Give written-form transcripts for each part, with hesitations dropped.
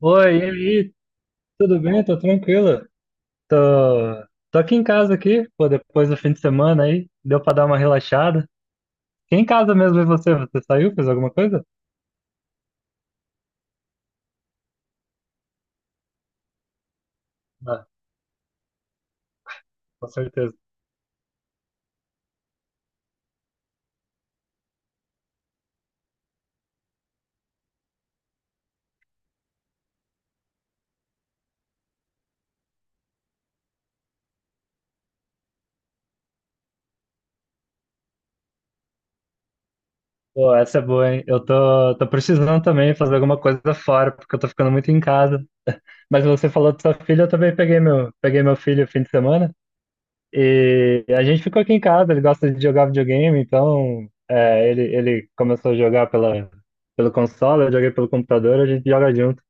Oi, e aí, tudo bem? Tô tranquilo. Tô, tô aqui em casa aqui, pô, depois do fim de semana aí, deu pra dar uma relaxada. Fiquei em casa mesmo, e você? Você saiu, fez alguma coisa? Ah, com certeza. Pô, essa é boa, hein? Eu tô precisando também fazer alguma coisa fora, porque eu tô ficando muito em casa. Mas você falou de sua filha, eu também peguei meu filho no fim de semana. E a gente ficou aqui em casa, ele gosta de jogar videogame, então ele começou a jogar pelo console, eu joguei pelo computador, a gente joga junto.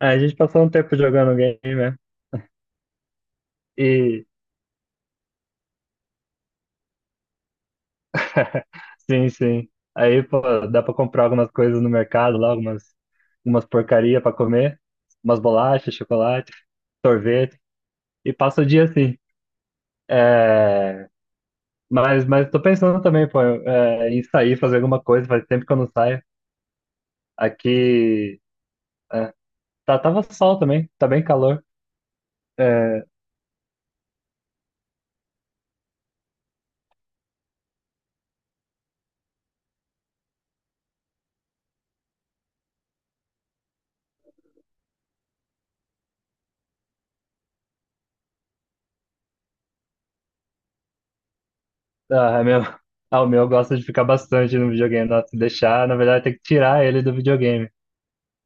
A gente passou um tempo jogando game, né? E sim, sim. Aí, pô, dá pra comprar algumas coisas no mercado lá, algumas porcaria pra comer, umas bolachas, chocolate, sorvete, e passa o dia assim. É. Mas tô pensando também, pô, em sair, fazer alguma coisa, faz tempo que eu não saio. Aqui tá, tava sol também, tá bem calor. É. Ah, é meu, ah, o meu gosta de ficar bastante no videogame, nossa, se deixar, na verdade tem que tirar ele do videogame.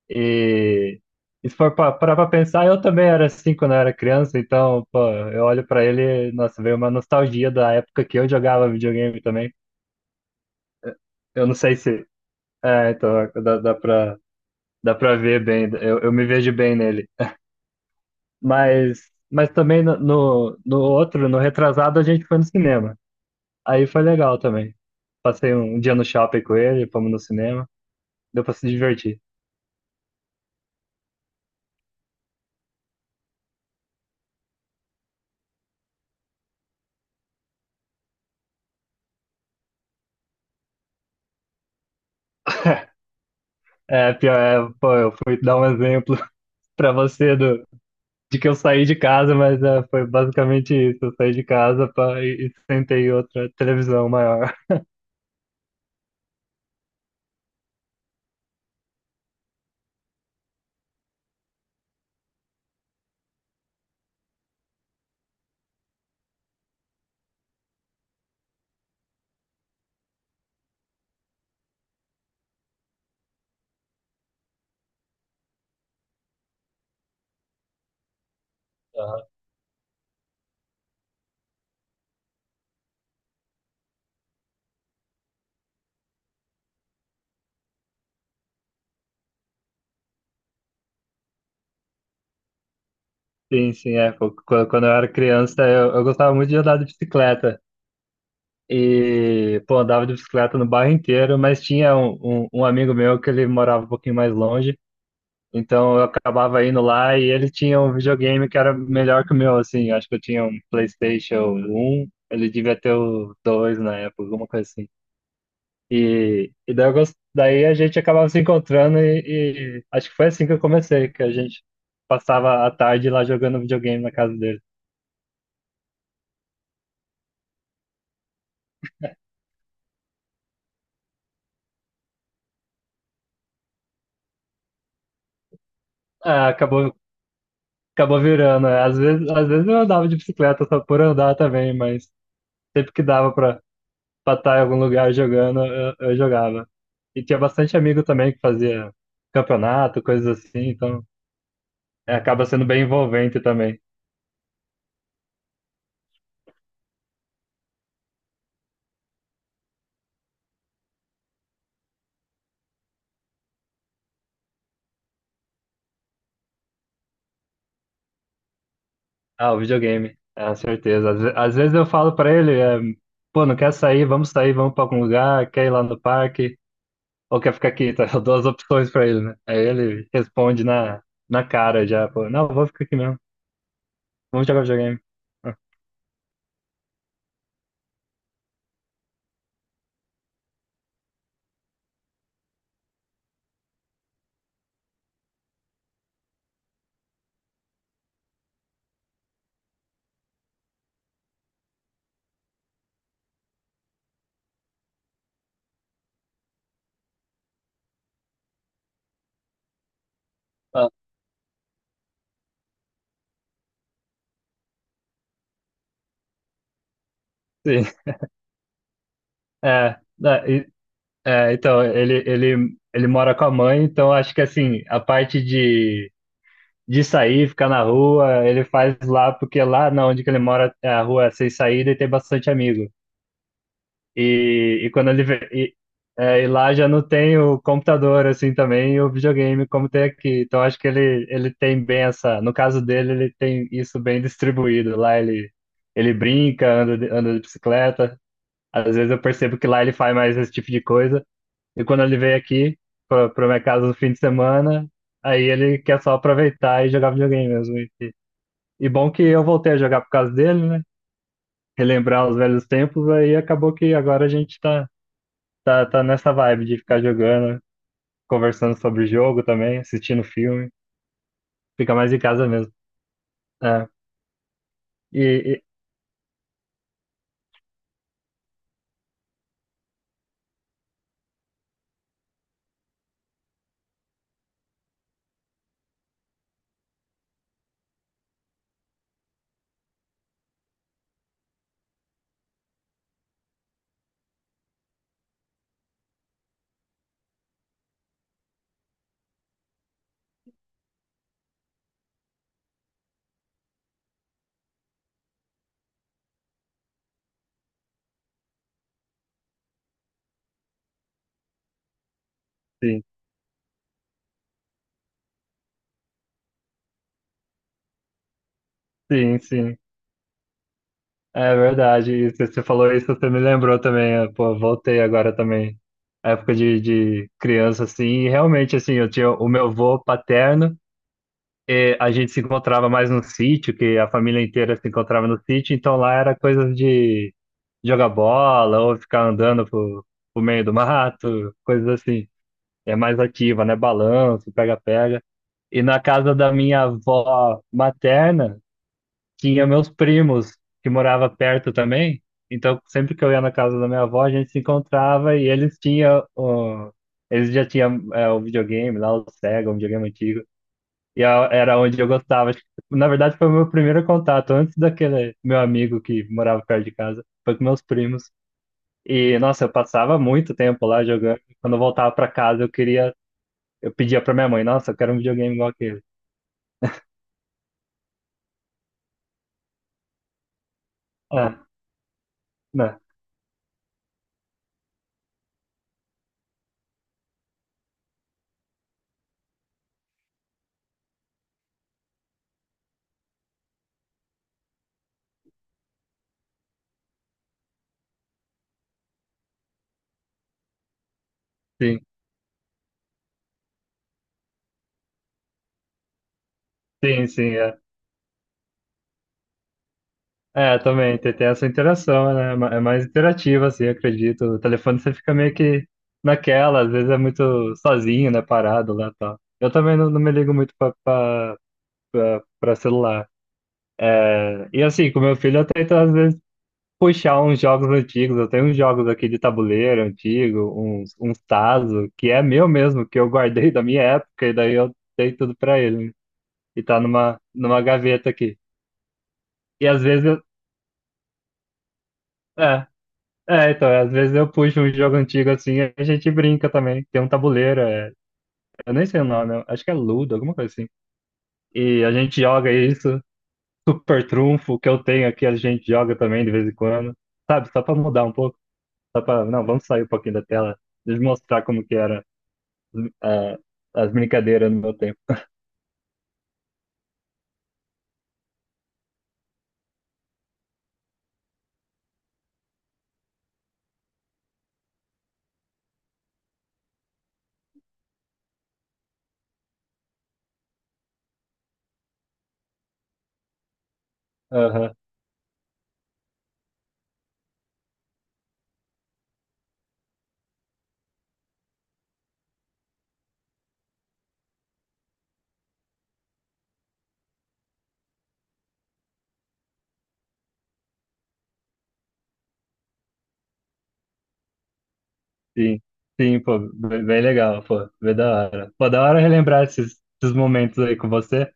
E, e se for parar pra pensar, eu também era assim quando eu era criança, então, pô, eu olho pra ele, nossa, veio uma nostalgia da época que eu jogava videogame também. Eu não sei se. É, então, dá pra ver bem, eu me vejo bem nele. Mas também no outro, no retrasado, a gente foi no cinema. Aí foi legal também. Passei um dia no shopping com ele, fomos no cinema, deu pra se divertir. É, pior, é, pô, eu fui dar um exemplo pra você do de que eu saí de casa, mas é, foi basicamente isso. Eu saí de casa pra e sentei em outra televisão maior. Aham. Sim, sim, é. Pô, quando eu era criança, eu gostava muito de andar de bicicleta. E, pô, andava de bicicleta no bairro inteiro, mas tinha um amigo meu que ele morava um pouquinho mais longe. Então eu acabava indo lá e ele tinha um videogame que era melhor que o meu, assim. Eu Acho que eu tinha um PlayStation um. Ele devia ter o 2 na época, alguma coisa assim. E daí a gente acabava se encontrando e acho que foi assim que eu comecei, que a gente passava a tarde lá jogando videogame na casa dele. Ah, acabou virando. É. Às vezes eu andava de bicicleta só por andar também, mas sempre que dava pra estar em algum lugar jogando, eu jogava. E tinha bastante amigo também que fazia campeonato, coisas assim, então é, acaba sendo bem envolvente também. Ah, o videogame, é, certeza. Às vezes eu falo pra ele, é, pô, não quer sair, vamos pra algum lugar, quer ir lá no parque, ou quer ficar aqui, tá? Eu dou as opções pra ele, né? Aí ele responde na cara já, pô, não, vou ficar aqui mesmo, vamos jogar videogame. Ah, sim, é, é, e- então, ele mora com a mãe, então acho que assim, a parte de sair, ficar na rua, ele faz lá, porque lá na onde que ele mora, é, a rua é sem saída e tem bastante amigo. E quando ele vê, e, é, e lá já não tem o computador assim também e o videogame como tem aqui. Então acho que ele tem bem essa, no caso dele, ele tem isso bem distribuído. Lá ele brinca, anda de bicicleta. Às vezes eu percebo que lá ele faz mais esse tipo de coisa. E quando ele vem aqui para minha casa no fim de semana, aí ele quer só aproveitar e jogar videogame mesmo. E bom que eu voltei a jogar por causa dele, né? Relembrar os velhos tempos, aí acabou que agora a gente tá nessa vibe de ficar jogando, conversando sobre o jogo também, assistindo filme. Fica mais em casa mesmo. É. E, e- sim, sim, sim. É verdade. E você falou isso, você me lembrou também. É, pô, voltei agora também. A época de criança, assim. E realmente, assim, eu tinha o meu avô paterno. E a gente se encontrava mais no sítio, que a família inteira se encontrava no sítio. Então lá era coisa de jogar bola ou ficar andando pro meio do mato, coisas assim. É mais ativa, né? Balanço, pega-pega. E na casa da minha avó materna, tinha meus primos, que morava perto também. Então, sempre que eu ia na casa da minha avó, a gente se encontrava e eles tinham. O... Eles já tinham é, o videogame lá, o Sega, um videogame antigo. Era onde eu gostava. Acho que, na verdade, foi o meu primeiro contato, antes daquele meu amigo que morava perto de casa. Foi com meus primos. E, nossa, eu passava muito tempo lá jogando. Quando eu voltava para casa, eu pedia pra minha mãe, nossa, eu quero um videogame igual aquele. É, né? Sim, sim, sim, é. É, também, tem essa interação, né? É mais interativa, assim, eu acredito. O telefone você fica meio que naquela, às vezes é muito sozinho, né? Parado lá e tal. Eu também não, não me ligo muito pra celular. É. E assim, com meu filho eu tento às vezes puxar uns jogos antigos. Eu tenho uns jogos aqui de tabuleiro antigo, uns Tazo, que é meu mesmo, que eu guardei da minha época, e daí eu dei tudo pra ele. E tá numa gaveta aqui. E às vezes eu. É, é, então, às vezes eu puxo um jogo antigo assim e a gente brinca também. Tem um tabuleiro, é, eu nem sei o nome, eu acho que é Ludo, alguma coisa assim. E a gente joga isso, Super Trunfo, que eu tenho aqui, a gente joga também de vez em quando. Sabe, só pra mudar um pouco, só pra. Não, vamos sair um pouquinho da tela, deixa eu mostrar como que era é, as brincadeiras no meu tempo. Aham, sim. Sim, pô, bem bem legal, pô, bem da hora. Pô, da hora relembrar esses momentos aí com você.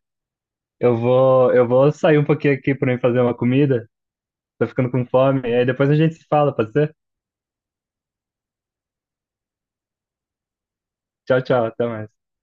Eu vou sair um pouquinho aqui pra mim fazer uma comida. Tô ficando com fome. E aí depois a gente se fala, pode ser? Tchau, tchau. Até mais.